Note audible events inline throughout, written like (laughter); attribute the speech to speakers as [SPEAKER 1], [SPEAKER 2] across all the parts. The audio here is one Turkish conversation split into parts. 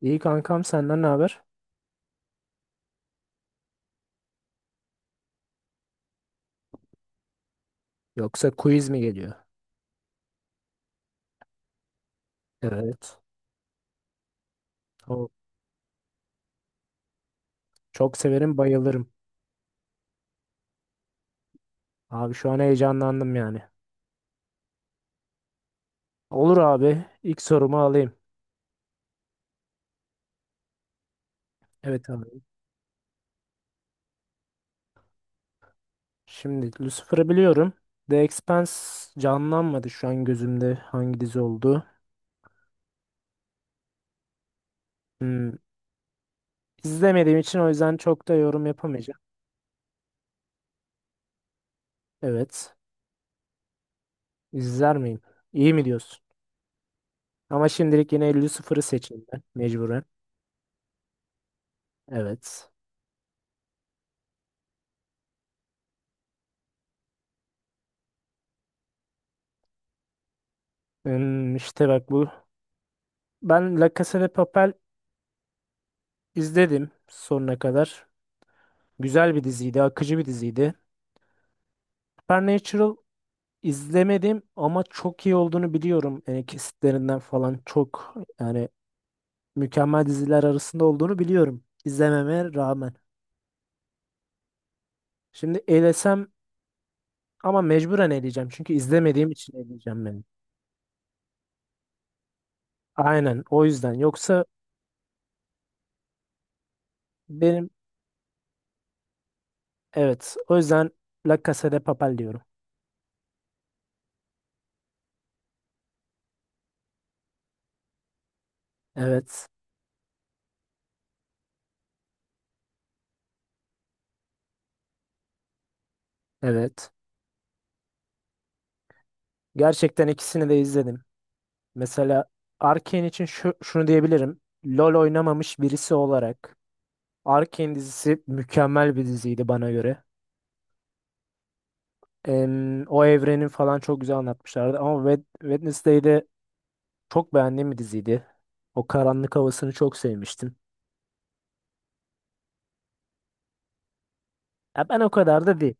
[SPEAKER 1] İyi kankam senden ne haber? Yoksa quiz mi geliyor? Evet. O, çok severim bayılırım. Abi şu an heyecanlandım yani. Olur abi. İlk sorumu alayım. Evet abi. Şimdi Lucifer'ı biliyorum. The Expanse canlanmadı şu an gözümde hangi dizi oldu. Hmm, izlemediğim için o yüzden çok da yorum yapamayacağım. Evet. İzler miyim? İyi mi diyorsun? Ama şimdilik yine Lucifer'ı seçeyim ben mecburen. Evet. İşte bak bu. Ben La Casa de Papel İzledim sonuna kadar. Güzel bir diziydi, akıcı bir diziydi. Supernatural izlemedim ama çok iyi olduğunu biliyorum. Yani kesitlerinden falan çok yani mükemmel diziler arasında olduğunu biliyorum. İzlememe rağmen. Şimdi elesem ama mecburen eleyeceğim. Çünkü izlemediğim için eleyeceğim ben. Aynen o yüzden. Yoksa benim evet o yüzden La Casa de Papel diyorum. Evet. Evet. Gerçekten ikisini de izledim. Mesela Arcane için şunu diyebilirim. LoL oynamamış birisi olarak Arcane dizisi mükemmel bir diziydi bana göre. O evrenin falan çok güzel anlatmışlardı ama Wednesday'de çok beğendiğim bir diziydi. O karanlık havasını çok sevmiştim. Ya ben o kadar da değil.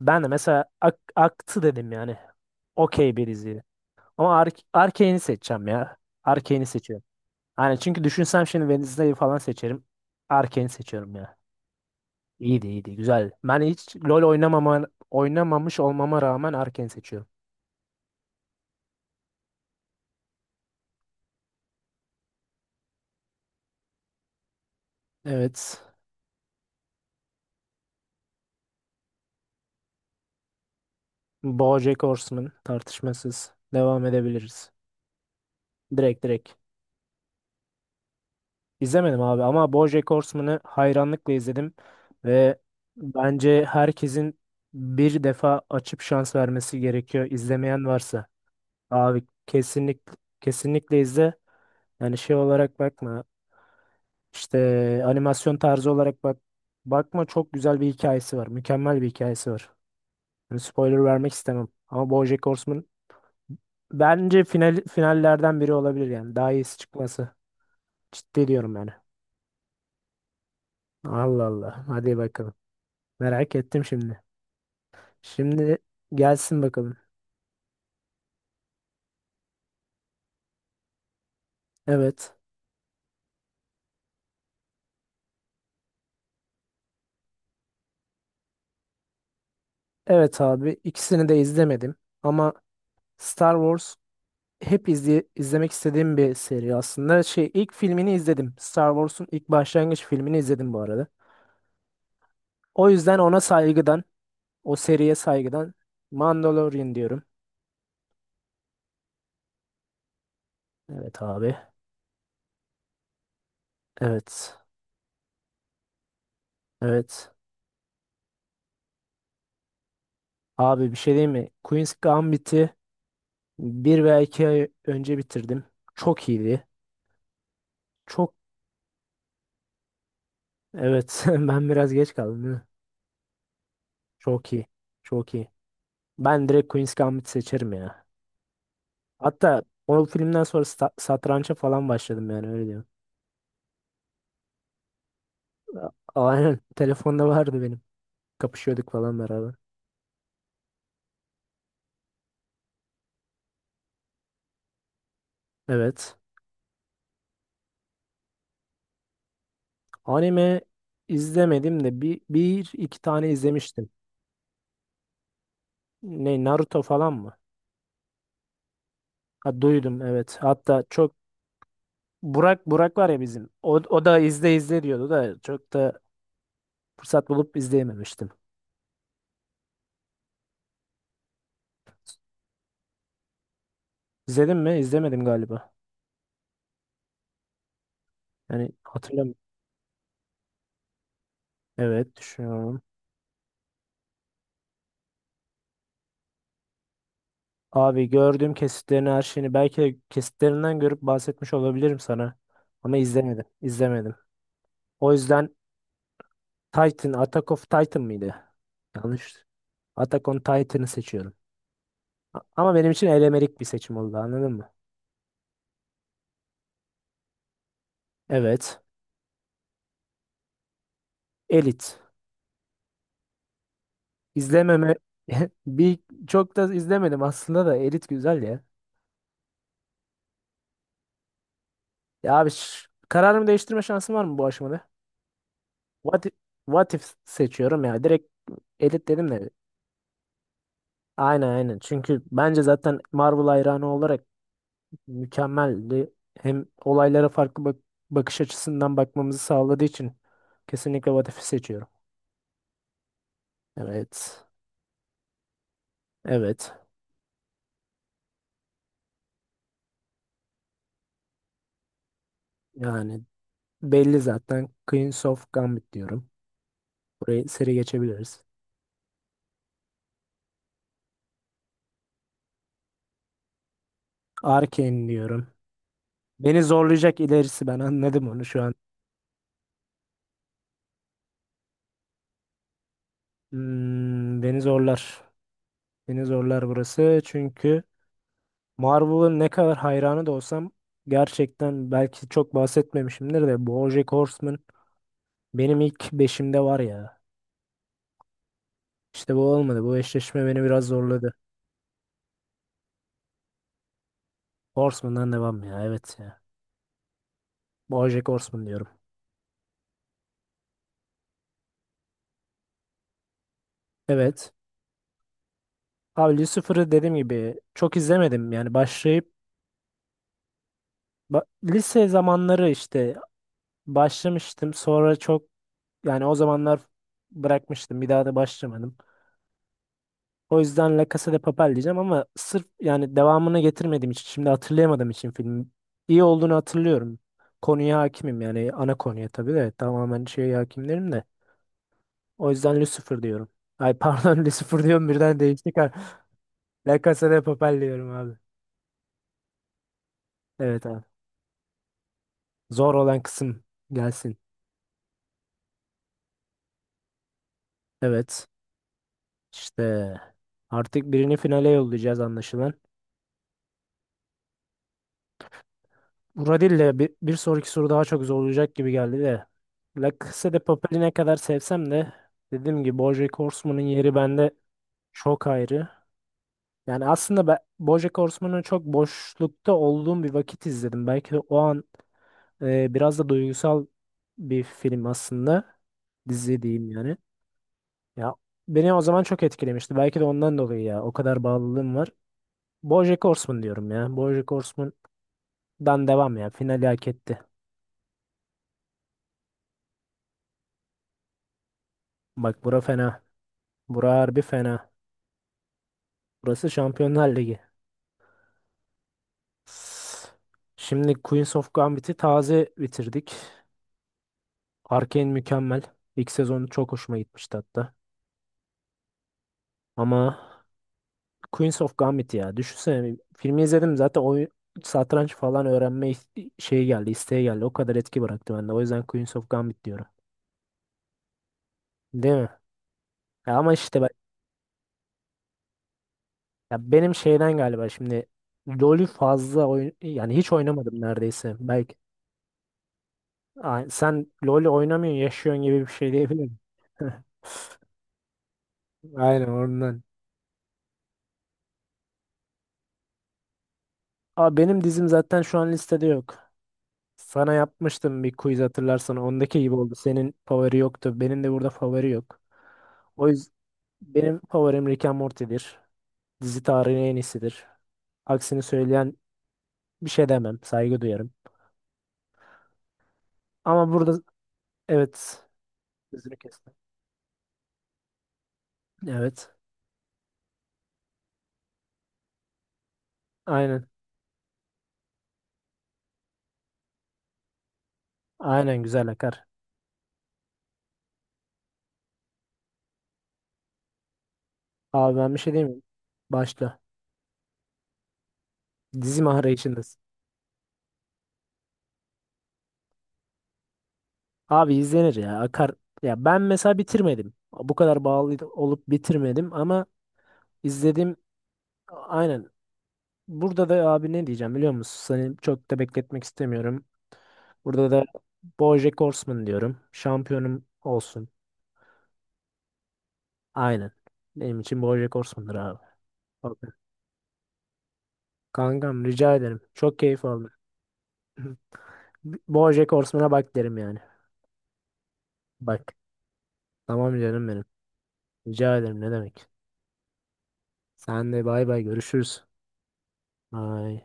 [SPEAKER 1] Ben de mesela aktı dedim yani. Okey bir diziydi. Ama Arcane'i seçeceğim ya. Arcane'i seçiyorum. Yani çünkü düşünsem şimdi Wednesday'ı falan seçerim. Arcane'i seçiyorum ya. İyiydi iyiydi güzel. Ben hiç LoL oynamamış olmama rağmen Arken seçiyorum. Evet. BoJack Horseman tartışmasız. Devam edebiliriz. Direkt direkt. İzlemedim abi ama BoJack Horseman'ı hayranlıkla izledim. Ve bence herkesin bir defa açıp şans vermesi gerekiyor izlemeyen varsa. Abi kesinlikle izle. Yani şey olarak bakma. İşte animasyon tarzı olarak bak. Bakma çok güzel bir hikayesi var. Mükemmel bir hikayesi var. Yani spoiler vermek istemem. Ama BoJack Horseman bence finallerden biri olabilir yani. Daha iyisi çıkması. Ciddi diyorum yani. Allah Allah. Hadi bakalım. Merak ettim şimdi. Şimdi gelsin bakalım. Evet. Evet abi. İkisini de izlemedim. Ama Star Wars hep izlemek istediğim bir seri aslında. Şey ilk filmini izledim. Star Wars'un ilk başlangıç filmini izledim bu arada. O yüzden ona saygıdan, o seriye saygıdan Mandalorian diyorum. Evet abi. Evet. Evet. Abi bir şey diyeyim mi? Queen's Gambit'i bir veya iki ay önce bitirdim. Çok iyiydi. Çok evet (laughs) ben biraz geç kaldım değil mi? Çok iyi. Çok iyi. Ben direkt Queen's Gambit seçerim ya. Hatta o filmden sonra satrança falan başladım yani öyle diyorum. A- Aynen. (laughs) Telefonda vardı benim. Kapışıyorduk falan beraber. Evet. Anime izlemedim de bir iki tane izlemiştim. Ne Naruto falan mı? Ha, duydum evet. Hatta çok Burak var ya bizim. O da izle izle diyordu da çok da fırsat bulup izleyememiştim. İzledim mi? İzlemedim galiba. Yani hatırlamıyorum. Evet düşünüyorum. Abi gördüğüm kesitlerini her şeyini belki de kesitlerinden görüp bahsetmiş olabilirim sana. Ama izlemedim. İzlemedim. O yüzden Titan, Attack of Titan mıydı? Yanlış. Attack on Titan'ı seçiyorum. Ama benim için elemelik bir seçim oldu anladın mı? Evet. Elite. İzlememe (laughs) bir çok da izlemedim aslında da Elit güzel ya. Ya abi kararımı değiştirme şansım var mı bu aşamada? What, What If seçiyorum ya. Direkt Elit dedim de. Aynen aynen. Çünkü bence zaten Marvel hayranı olarak mükemmeldi. Hem olaylara farklı bakış açısından bakmamızı sağladığı için kesinlikle What If'i seçiyorum. Evet. Evet. Yani belli zaten. Queens of Gambit diyorum. Burayı seri geçebiliriz. Arcane diyorum. Beni zorlayacak ilerisi ben anladım onu şu an. Beni zorlar. Beni zorlar burası. Çünkü Marvel'ın ne kadar hayranı da olsam gerçekten belki çok bahsetmemişimdir de BoJack Horseman benim ilk beşimde var ya. İşte bu olmadı. Bu eşleşme beni biraz zorladı. Horseman'dan devam ya. Evet ya. BoJack Horseman diyorum. Evet. Abi Lucifer'ı dediğim gibi çok izlemedim. Yani başlayıp lise zamanları işte başlamıştım. Sonra çok yani o zamanlar bırakmıştım. Bir daha da başlamadım. O yüzden La Casa de Papel diyeceğim ama sırf yani devamını getirmediğim için şimdi hatırlayamadığım için filmin iyi olduğunu hatırlıyorum. Konuya hakimim yani ana konuya tabii de tamamen şeye hakimlerim de. O yüzden Lucifer diyorum. Ay pardon (laughs) Lucifer diyorum birden değiştik. Ha. La Casa de Papel diyorum abi. Evet abi. Zor olan kısım gelsin. Evet. İşte artık birini finale yollayacağız anlaşılan. Buradille bir sonraki soru daha çok zor olacak gibi geldi de. La Casa de Papel'i ne kadar sevsem de dediğim gibi BoJack Horseman'ın yeri bende çok ayrı. Yani aslında ben BoJack Horseman'ı çok boşlukta olduğum bir vakit izledim. Belki de o an biraz da duygusal bir film aslında. Dizi diyeyim yani. Ya beni o zaman çok etkilemişti. Belki de ondan dolayı ya. O kadar bağlılığım var. BoJack Horseman diyorum ya. BoJack Horseman'dan devam ya. Finali hak etti. Bak bura fena. Bura harbi fena. Burası Şampiyonlar Ligi. Şimdi Queens of Gambit'i taze bitirdik. Arcane mükemmel. İlk sezonu çok hoşuma gitmişti hatta. Ama Queens of Gambit ya. Düşünsene filmi izledim zaten oyun satranç falan öğrenme şeyi geldi, isteği geldi. O kadar etki bıraktı bende. O yüzden Queens of Gambit diyorum. Değil mi? Ya ama işte ben, ya benim şeyden galiba şimdi LoL'ü fazla oyun yani hiç oynamadım neredeyse. Belki Ay, sen LoL oynamıyorsun, yaşıyorsun gibi bir şey diyebilirim. (laughs) Aynen oradan. Aa, benim dizim zaten şu an listede yok. Sana yapmıştım bir quiz hatırlarsan. Ondaki gibi oldu. Senin favori yoktu. Benim de burada favori yok. O yüzden benim favorim Rick and Morty'dir. Dizi tarihinin en iyisidir. Aksini söyleyen bir şey demem. Saygı duyarım. Ama burada evet. Sözünü kestim. Evet. Aynen. Aynen güzel akar. Abi ben bir şey diyeyim mi? Başla. Dizi mahrajındasın. Abi izlenir ya. Akar. Ya ben mesela bitirmedim. Bu kadar bağlı olup bitirmedim ama izledim. Aynen. Burada da abi ne diyeceğim biliyor musun? Seni çok da bekletmek istemiyorum. Burada da BoJack Horseman diyorum. Şampiyonum olsun. Aynen. Benim için BoJack Horseman'dır abi. Okey. Kankam rica ederim. Çok keyif aldım. (laughs) BoJack Horseman'a bak derim yani. Bak. Tamam canım benim. Rica ederim ne demek. Sen de bay bay görüşürüz. Bye.